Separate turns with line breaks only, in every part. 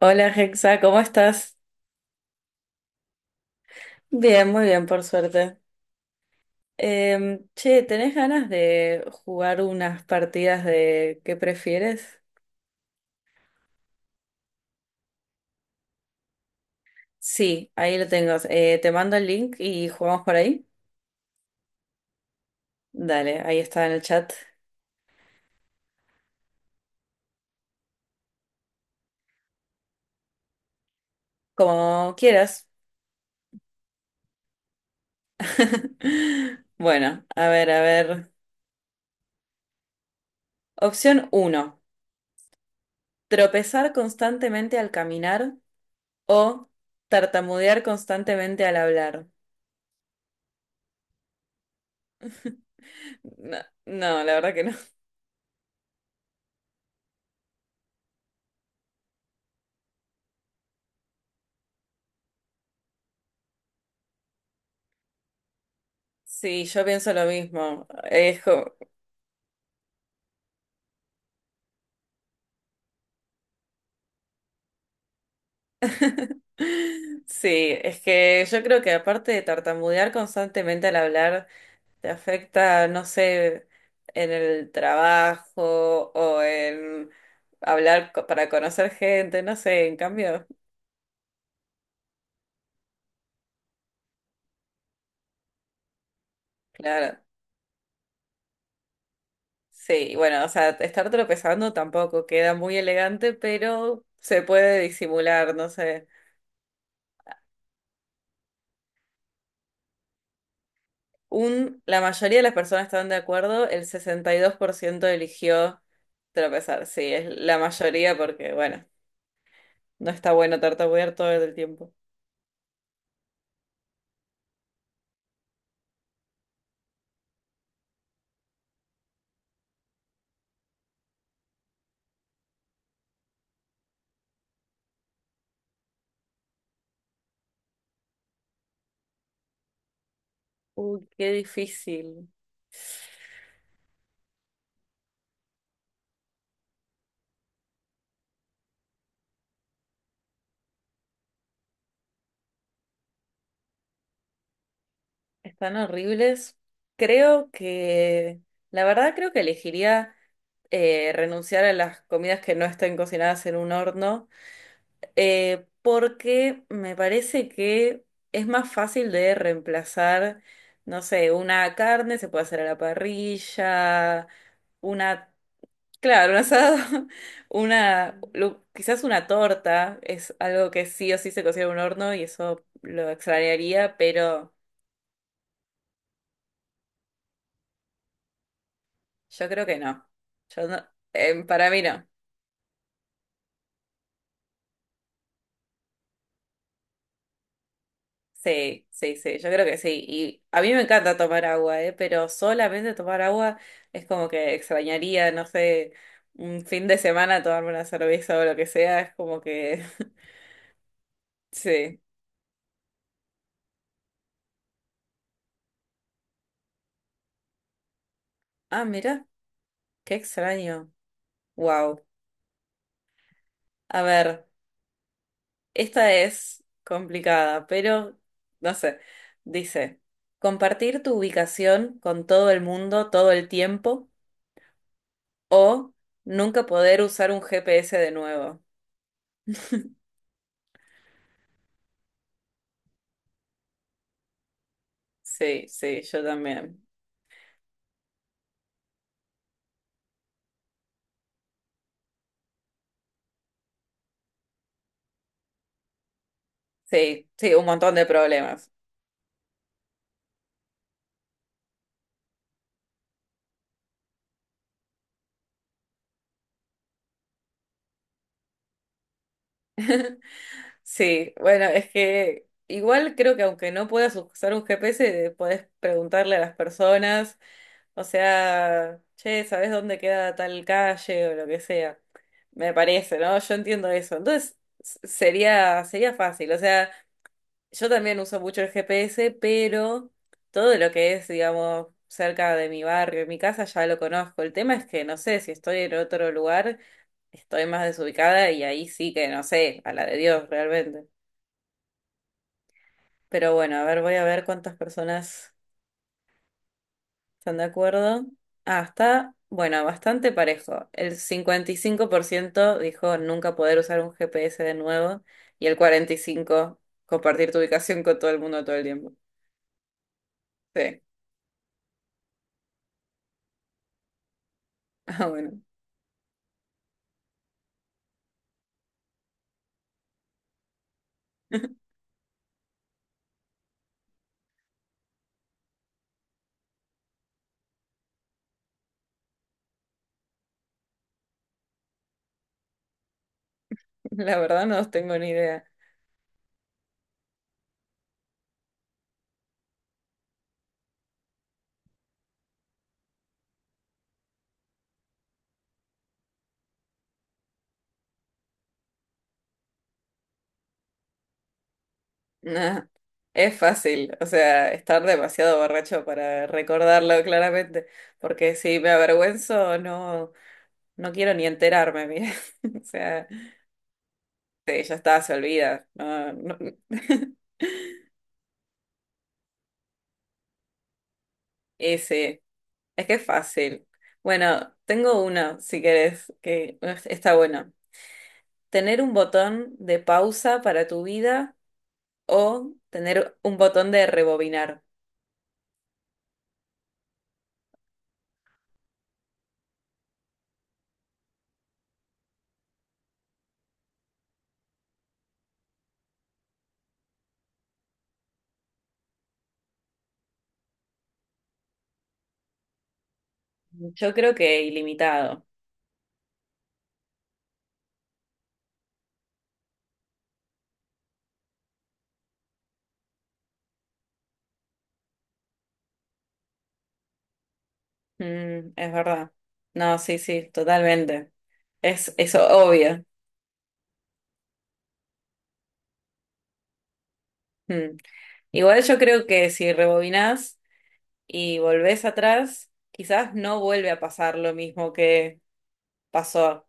Hola Hexa, ¿cómo estás? Bien, muy bien, por suerte. Che, ¿tenés ganas de jugar unas partidas de qué prefieres? Sí, ahí lo tengo. Te mando el link y jugamos por ahí. Dale, ahí está en el chat. Como quieras. Bueno, a ver, a ver. Opción uno: tropezar constantemente al caminar o tartamudear constantemente al hablar. No, no, la verdad que no. Sí, yo pienso lo mismo. Es Sí, es que yo creo que aparte de tartamudear constantemente al hablar, te afecta, no sé, en el trabajo o en hablar para conocer gente, no sé, en cambio, claro. Sí, bueno, o sea, estar tropezando tampoco queda muy elegante, pero se puede disimular, no sé. La mayoría de las personas están de acuerdo, el 62% eligió tropezar. Sí, es la mayoría porque, bueno, no está bueno tartamudear todo el tiempo. Uy, qué difícil. Están horribles. Creo que, la verdad, creo que elegiría renunciar a las comidas que no estén cocinadas en un horno. Porque me parece que es más fácil de reemplazar, no sé, una carne se puede hacer a la parrilla, una, claro, un asado, una, quizás una torta es algo que sí o sí se cocina en un horno y eso lo extrañaría, pero yo creo que no. Yo no, para mí no. Sí, sí, sí, yo creo que sí. Y a mí me encanta tomar agua, ¿eh? Pero solamente tomar agua es como que extrañaría, no sé, un fin de semana tomarme una cerveza o lo que sea, es como que... Sí. Ah, mira, qué extraño. Wow. A ver, esta es complicada, pero no sé. Dice, compartir tu ubicación con todo el mundo todo el tiempo o nunca poder usar un GPS de nuevo. Sí, sí, yo también. Sí, sí, un montón de problemas. Sí, bueno, es que igual creo que aunque no puedas usar un GPS, podés preguntarle a las personas, o sea, che, ¿sabés dónde queda tal calle o lo que sea? Me parece, ¿no? Yo entiendo eso. Entonces, sería, sería fácil. O sea, yo también uso mucho el GPS, pero todo lo que es, digamos, cerca de mi barrio, mi casa, ya lo conozco. El tema es que no sé si estoy en otro lugar. Estoy más desubicada y ahí sí que no sé, a la de Dios realmente. Pero bueno, a ver, voy a ver cuántas personas están de acuerdo. Ah, está, bueno, bastante parejo. El 55% dijo nunca poder usar un GPS de nuevo y el 45% compartir tu ubicación con todo el mundo todo el tiempo. Sí, ah, bueno. La verdad no tengo ni idea. Nah, es fácil, o sea, estar demasiado borracho para recordarlo claramente, porque si me avergüenzo, no. No quiero ni enterarme, mira. O sea, sí, ya está, se olvida. No, no. Ese, es que es fácil. Bueno, tengo uno, si querés, que está bueno. Tener un botón de pausa para tu vida o tener un botón de rebobinar. Yo creo que ilimitado. Mm, es verdad. No, sí, sí, totalmente. Es eso, obvio. Mm. Igual yo creo que si rebobinás y volvés atrás, quizás no vuelve a pasar lo mismo que pasó,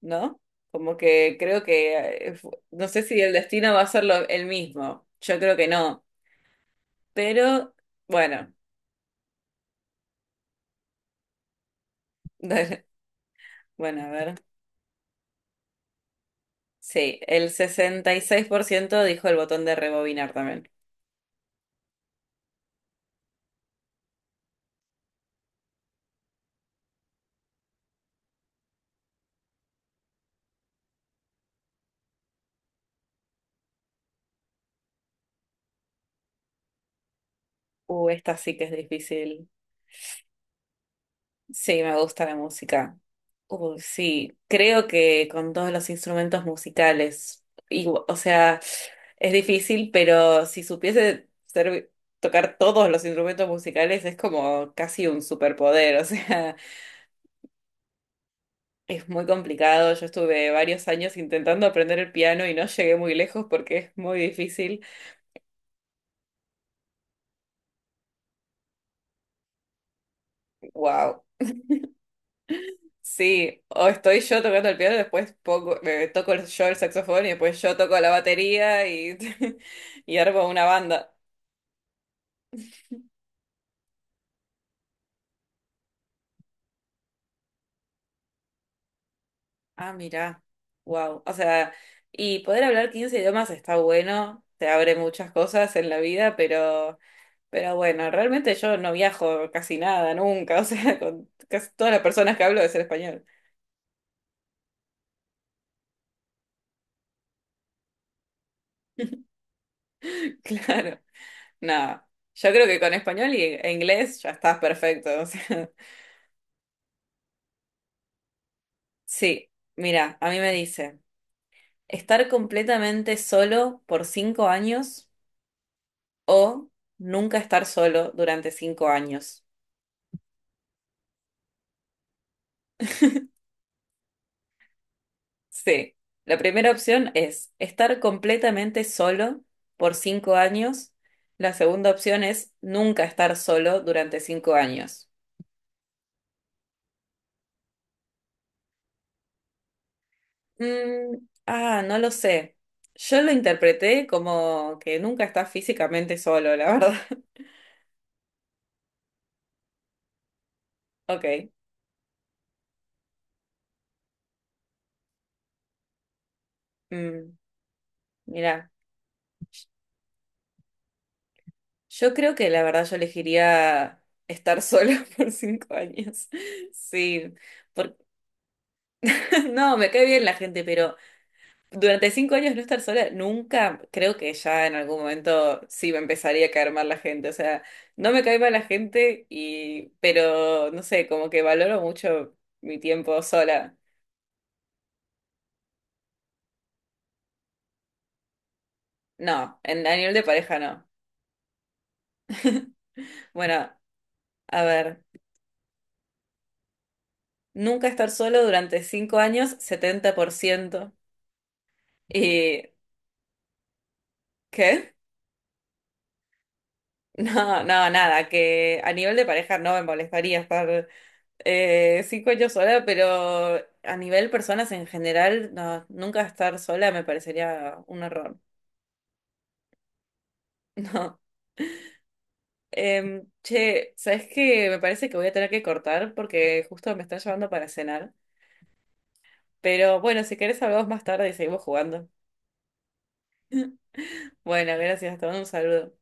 ¿no? Como que creo que, no sé si el destino va a ser el mismo, yo creo que no, pero bueno, bueno, a ver. Sí, el 66% dijo el botón de rebobinar también. Esta sí que es difícil. Sí, me gusta la música. Uy, sí, creo que con todos los instrumentos musicales, o sea, es difícil, pero si tocar todos los instrumentos musicales es como casi un superpoder, o sea, es muy complicado. Yo estuve varios años intentando aprender el piano y no llegué muy lejos porque es muy difícil. Wow. Sí, o estoy yo tocando el piano, después toco yo el saxofón y después yo toco la batería y, y armo una banda. Ah, mirá, wow. O sea, y poder hablar 15 idiomas está bueno, te abre muchas cosas en la vida, pero bueno, realmente yo no viajo casi nada, nunca. O sea, con casi todas las personas que hablo es el español. Claro, nada. Yo creo que con español y e inglés ya estás perfecto. O sea, sí, mira, a mí me dice. Estar completamente solo por 5 años o nunca estar solo durante 5 años. Sí, la primera opción es estar completamente solo por cinco años. La segunda opción es nunca estar solo durante cinco años. Mm, ah, no lo sé. Yo lo interpreté como que nunca estás físicamente solo, la verdad. Ok. Mm, mira. Yo creo que la verdad yo elegiría estar sola por 5 años. Sí, por- no, me cae bien la gente, pero durante 5 años no estar sola, nunca creo que ya en algún momento sí me empezaría a caer mal la gente. O sea, no me cae mal la gente y, pero no sé, como que valoro mucho mi tiempo sola. No, a nivel de pareja no. Bueno, a ver, nunca estar solo durante cinco años, 70%. ¿Y qué? No, no, nada, que a nivel de pareja no me molestaría estar 5 años sola, pero a nivel personas en general, no, nunca estar sola me parecería un error. No. Che, ¿sabes qué? Me parece que voy a tener que cortar porque justo me están llevando para cenar. Pero bueno, si querés hablamos más tarde y seguimos jugando. Bueno, gracias, te mando un saludo.